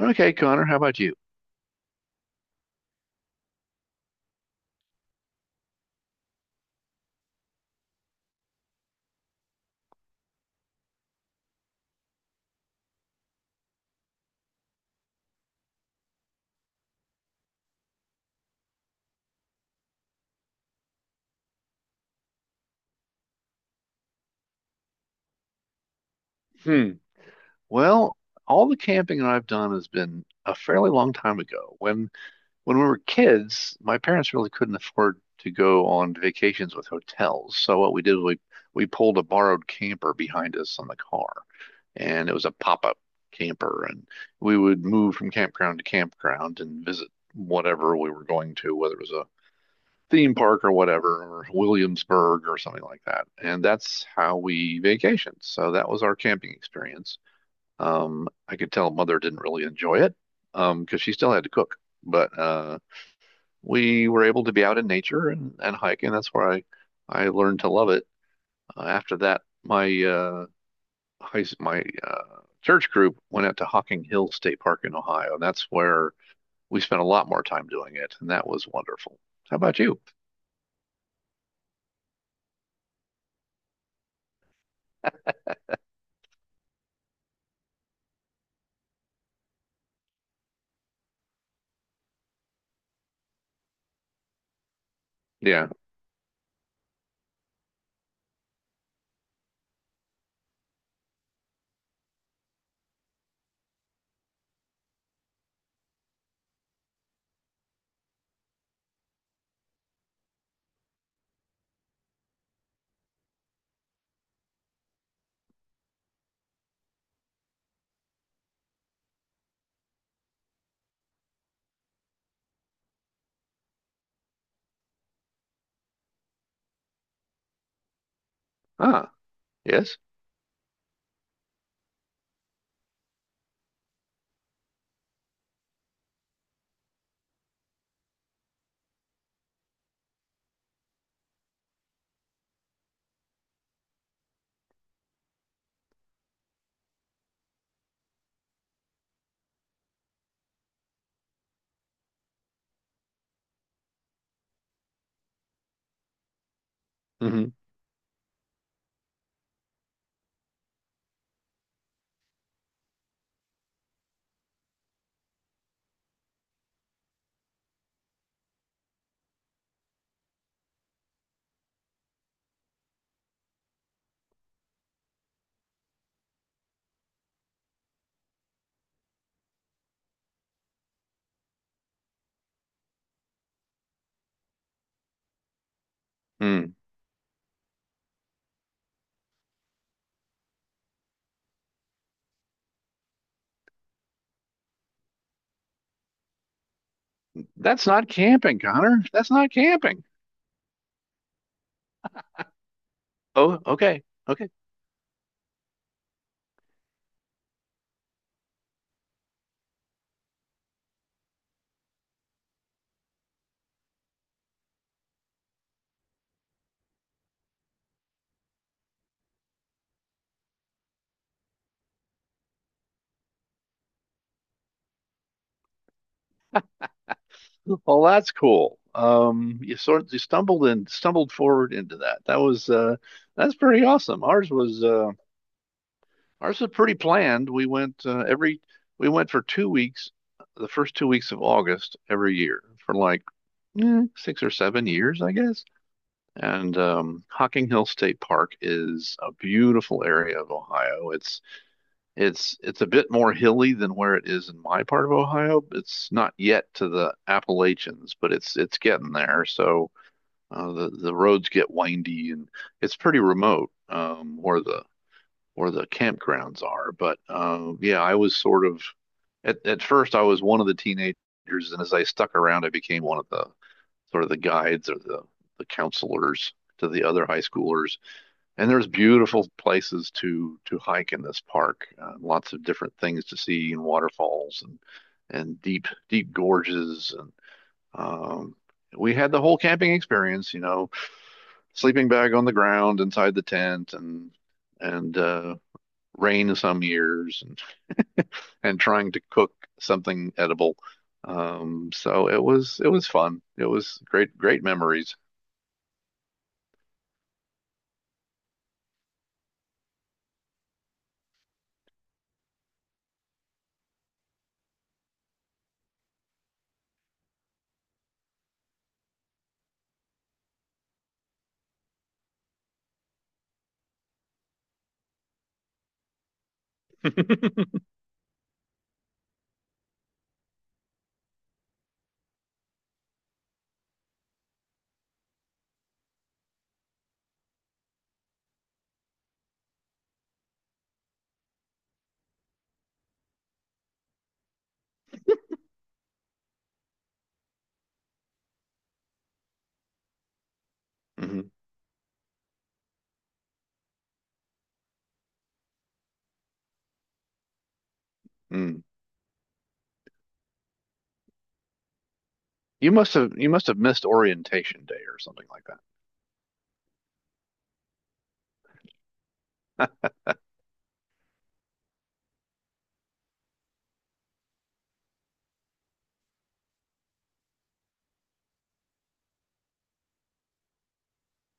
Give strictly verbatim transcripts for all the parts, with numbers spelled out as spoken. Okay, Connor, how about you? Hmm. Well, all the camping that I've done has been a fairly long time ago. When when we were kids, my parents really couldn't afford to go on vacations with hotels. So what we did was we we pulled a borrowed camper behind us on the car, and it was a pop-up camper, and we would move from campground to campground and visit whatever we were going to, whether it was a theme park or whatever, or Williamsburg or something like that. And that's how we vacationed. So that was our camping experience. Um, I could tell mother didn't really enjoy it um, because she still had to cook, but uh, we were able to be out in nature and, and hike, and that's where I I learned to love it. Uh, after that, my uh, high, my uh, church group went out to Hocking Hill State Park in Ohio, and that's where we spent a lot more time doing it, and that was wonderful. How about you? Yeah. Ah, yes. Hmm. Mm. That's not camping, Connor. That's not camping. Oh, okay. Okay. Well, that's cool. Um, you sort you stumbled and stumbled forward into that. That was uh That's pretty awesome. Ours was uh ours was pretty planned. We went uh, every we went for two weeks, the first two weeks of August every year for like eh, six or seven years, I guess. And um, Hocking Hill State Park is a beautiful area of Ohio. It's It's it's a bit more hilly than where it is in my part of Ohio. It's not yet to the Appalachians, but it's it's getting there. So uh, the the roads get windy and it's pretty remote um, where the where the campgrounds are. But uh, yeah, I was sort of at at first I was one of the teenagers, and as I stuck around, I became one of the sort of the guides or the the counselors to the other high schoolers, and there's beautiful places to to hike in this park. Uh, lots of different things to see, and waterfalls, and and deep deep gorges, and um, we had the whole camping experience. You know, sleeping bag on the ground inside the tent, and and uh, rain some years, and and trying to cook something edible. Um, so it was it was fun. It was great great memories. Hmm. Mm. You must have you must have missed orientation day or something like that.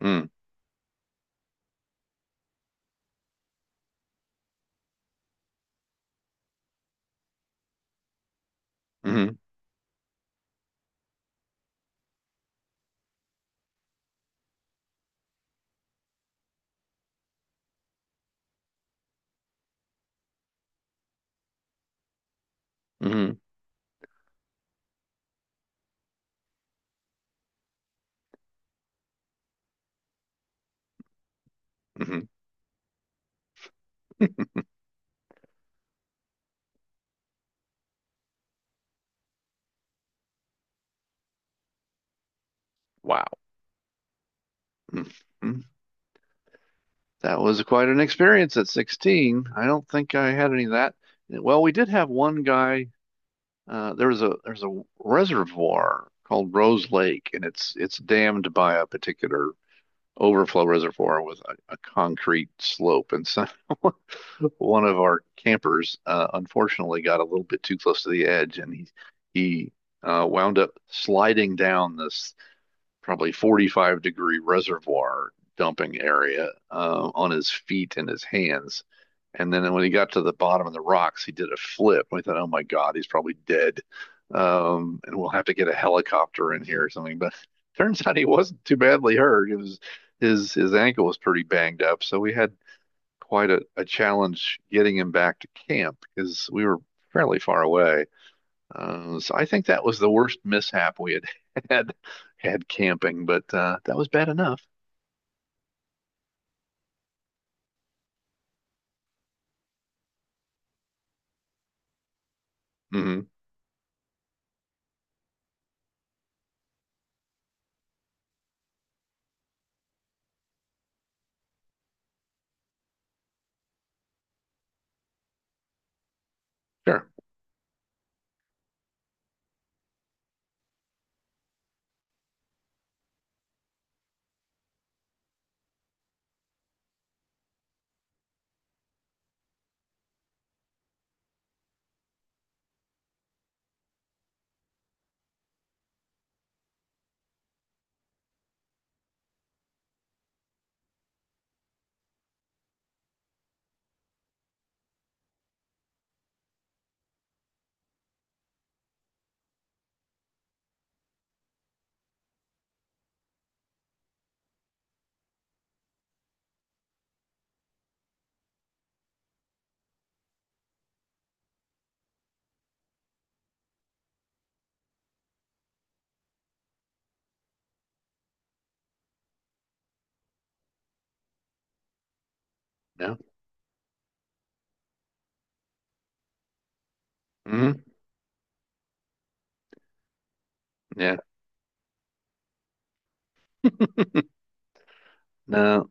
Mm. Hmm. Hmm. Hmm. Wow. Hmm. That was quite an experience at sixteen. I don't think I had any of that. Well, we did have one guy. Uh, there was a there's a reservoir called Rose Lake, and it's it's dammed by a particular overflow reservoir with a, a concrete slope. And so one of our campers, uh, unfortunately, got a little bit too close to the edge, and he he uh, wound up sliding down this probably forty-five degree reservoir dumping area uh, on his feet and his hands. And then when he got to the bottom of the rocks, he did a flip. We thought, oh my God, he's probably dead. Um, and we'll have to get a helicopter in here or something. But turns out he wasn't too badly hurt. It was his his ankle was pretty banged up, so we had quite a, a challenge getting him back to camp because we were fairly far away. Uh, so I think that was the worst mishap we had had had camping, but uh, that was bad enough. Hmm. Sure. No. Hmm. Yeah. No.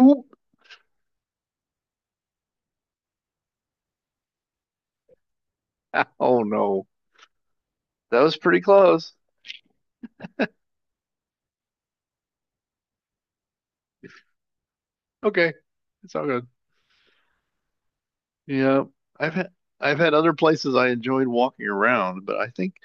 Ooh. Oh no. That was pretty close. Okay. It's all good. Yeah. I've had I've had other places I enjoyed walking around, but I think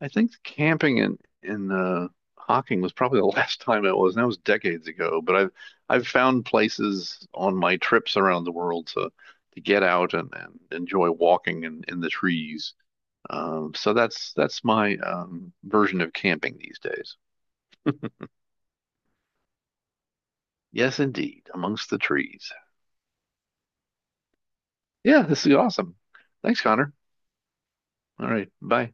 I think camping in in uh, Hocking was probably the last time it was, and that was decades ago. But I've I've found places on my trips around the world to to get out and, and enjoy walking in, in the trees. Um, so that's that's my um, version of camping these days. Yes, indeed, amongst the trees. Yeah, this is awesome. Thanks, Connor. All right, bye.